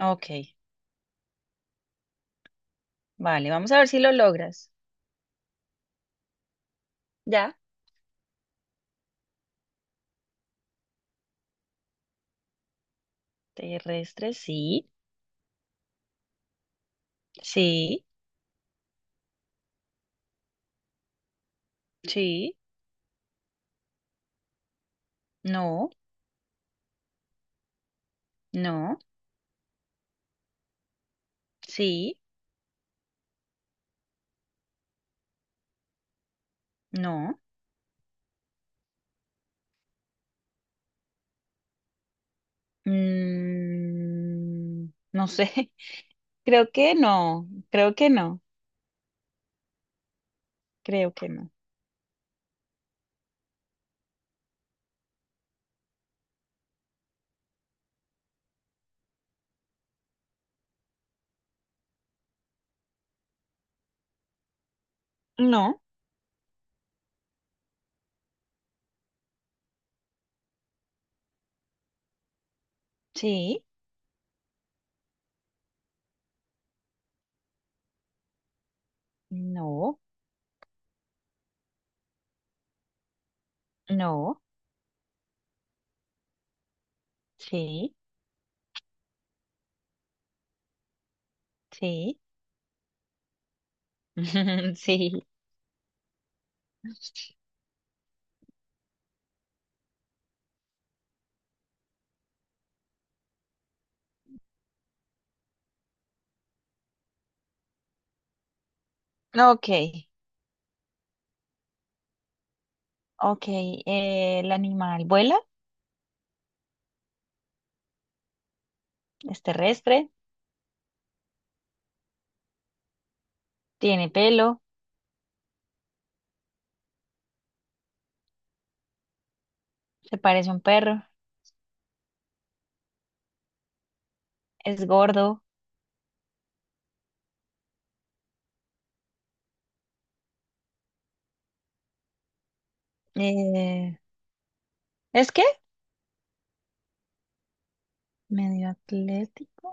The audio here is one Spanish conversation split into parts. Ok, vale, vamos a ver si lo logras. Ya, terrestre, sí, sí, sí, no, no, sí, no. Mm, no sé, creo que no, creo que no. No, sí, no, no, sí, sí, sí. Ok, ok, el animal vuela, es terrestre, tiene pelo, se parece a un perro. Es gordo. Eh, ¿es qué? Medio atlético.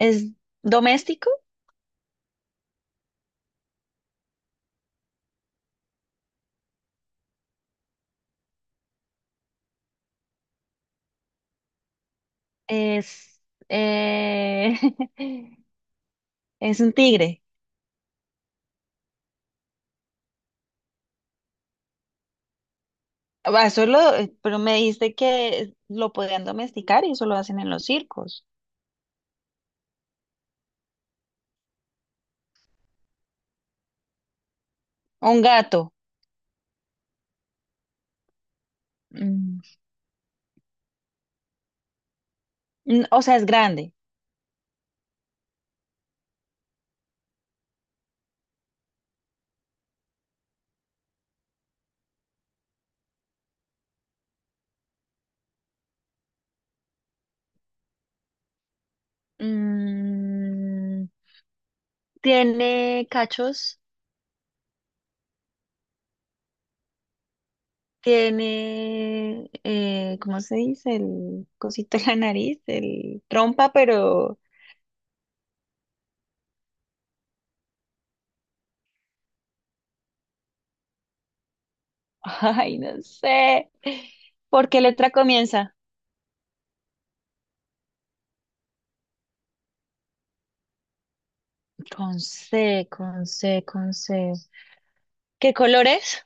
Es doméstico. Es, eh, es un tigre. Ah, solo, pero me dijiste que lo podían domesticar y eso lo hacen en los circos. Un gato. mm, o sea, es grande. Mm, tiene cachos. Tiene, ¿cómo se dice? El cosito en la nariz, el trompa, pero ay, no sé. ¿Por qué letra comienza? Con C. ¿Qué colores?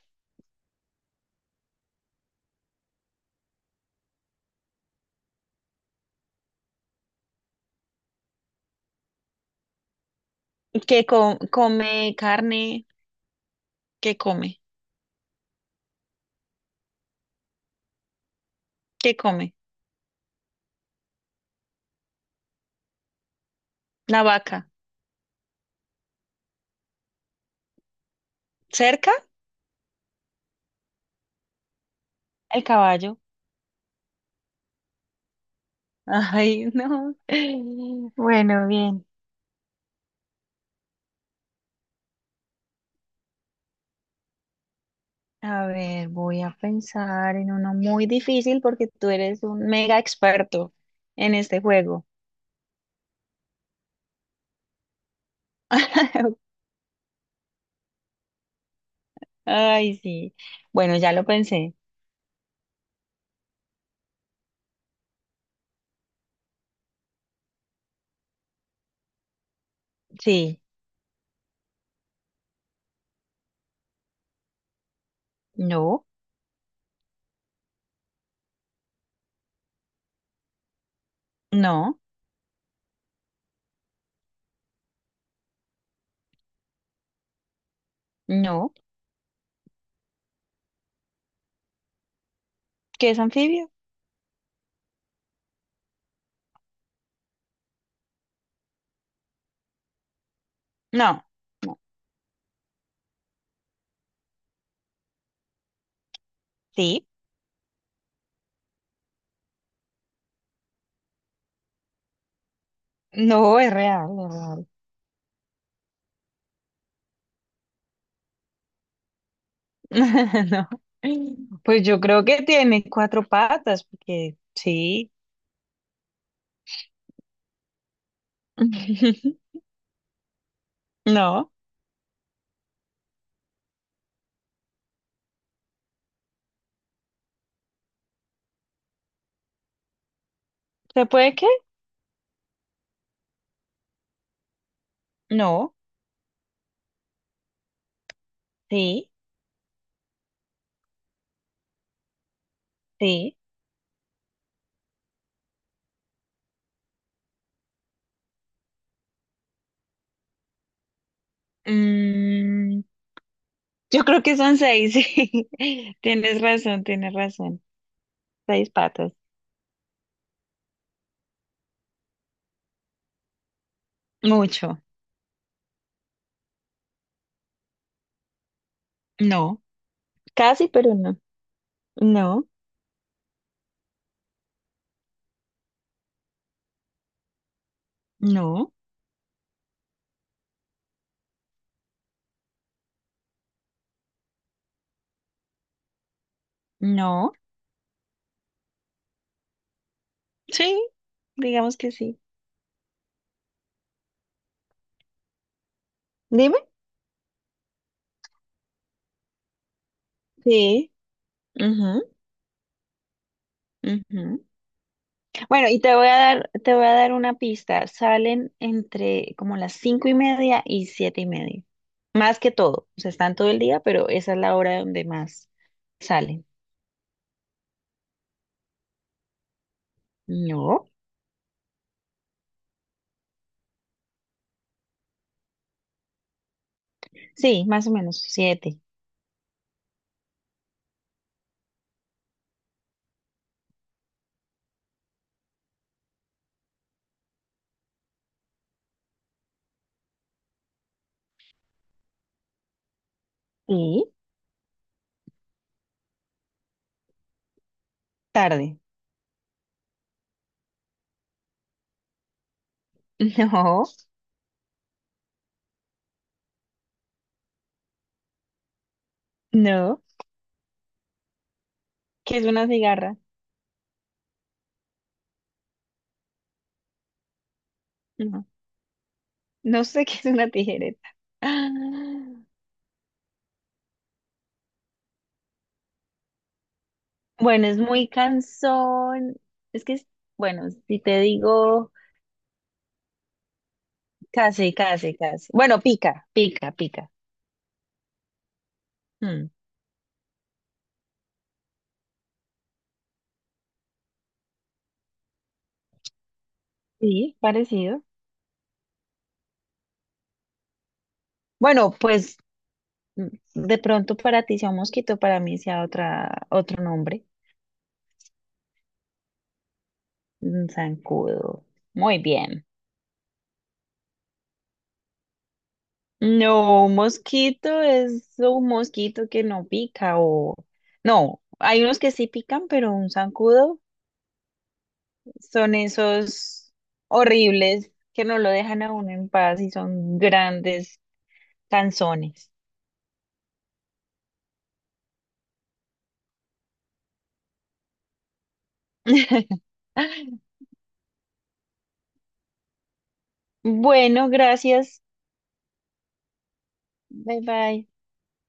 ¿Qué co- come carne? ¿Qué come? ¿Qué come? La vaca. ¿Cerca? El caballo. Ay, no. Bueno, bien. A ver, voy a pensar en uno muy difícil porque tú eres un mega experto en este juego. Ay, sí. Bueno, ya lo pensé. Sí. No, no. No, ¿qué es anfibio? No, no, sí, no, es real. No, pues yo creo que tiene cuatro patas, porque sí. No, ¿se puede qué? No, sí, sí. Mm, yo creo que son seis, sí. Tienes razón. Seis patas. Mucho. No, casi, pero no. No, no, no. Sí, digamos que sí. Dime. Sí. Ujú. Ujú. Bueno, y te voy a dar una pista. Salen entre como las 5:30 y 7:30. Más que todo. O sea, están todo el día, pero esa es la hora donde más salen. No. Sí, más o menos siete. ¿Y? Tarde. No, no. ¿Qué es una cigarra? No. No sé qué es una tijereta. Ah, bueno, es muy cansón. Es que, es- bueno, si te digo casi. Bueno, pica. Mm. Sí, parecido. Bueno, pues mm, de pronto para ti sea un mosquito, para mí sea otra, otro nombre. Un zancudo. Muy bien. No, un mosquito es un mosquito que no pica o... No, hay unos que sí pican, pero un zancudo son esos horribles que no lo dejan a uno en paz y son grandes canzones. Bueno, gracias. Bye bye.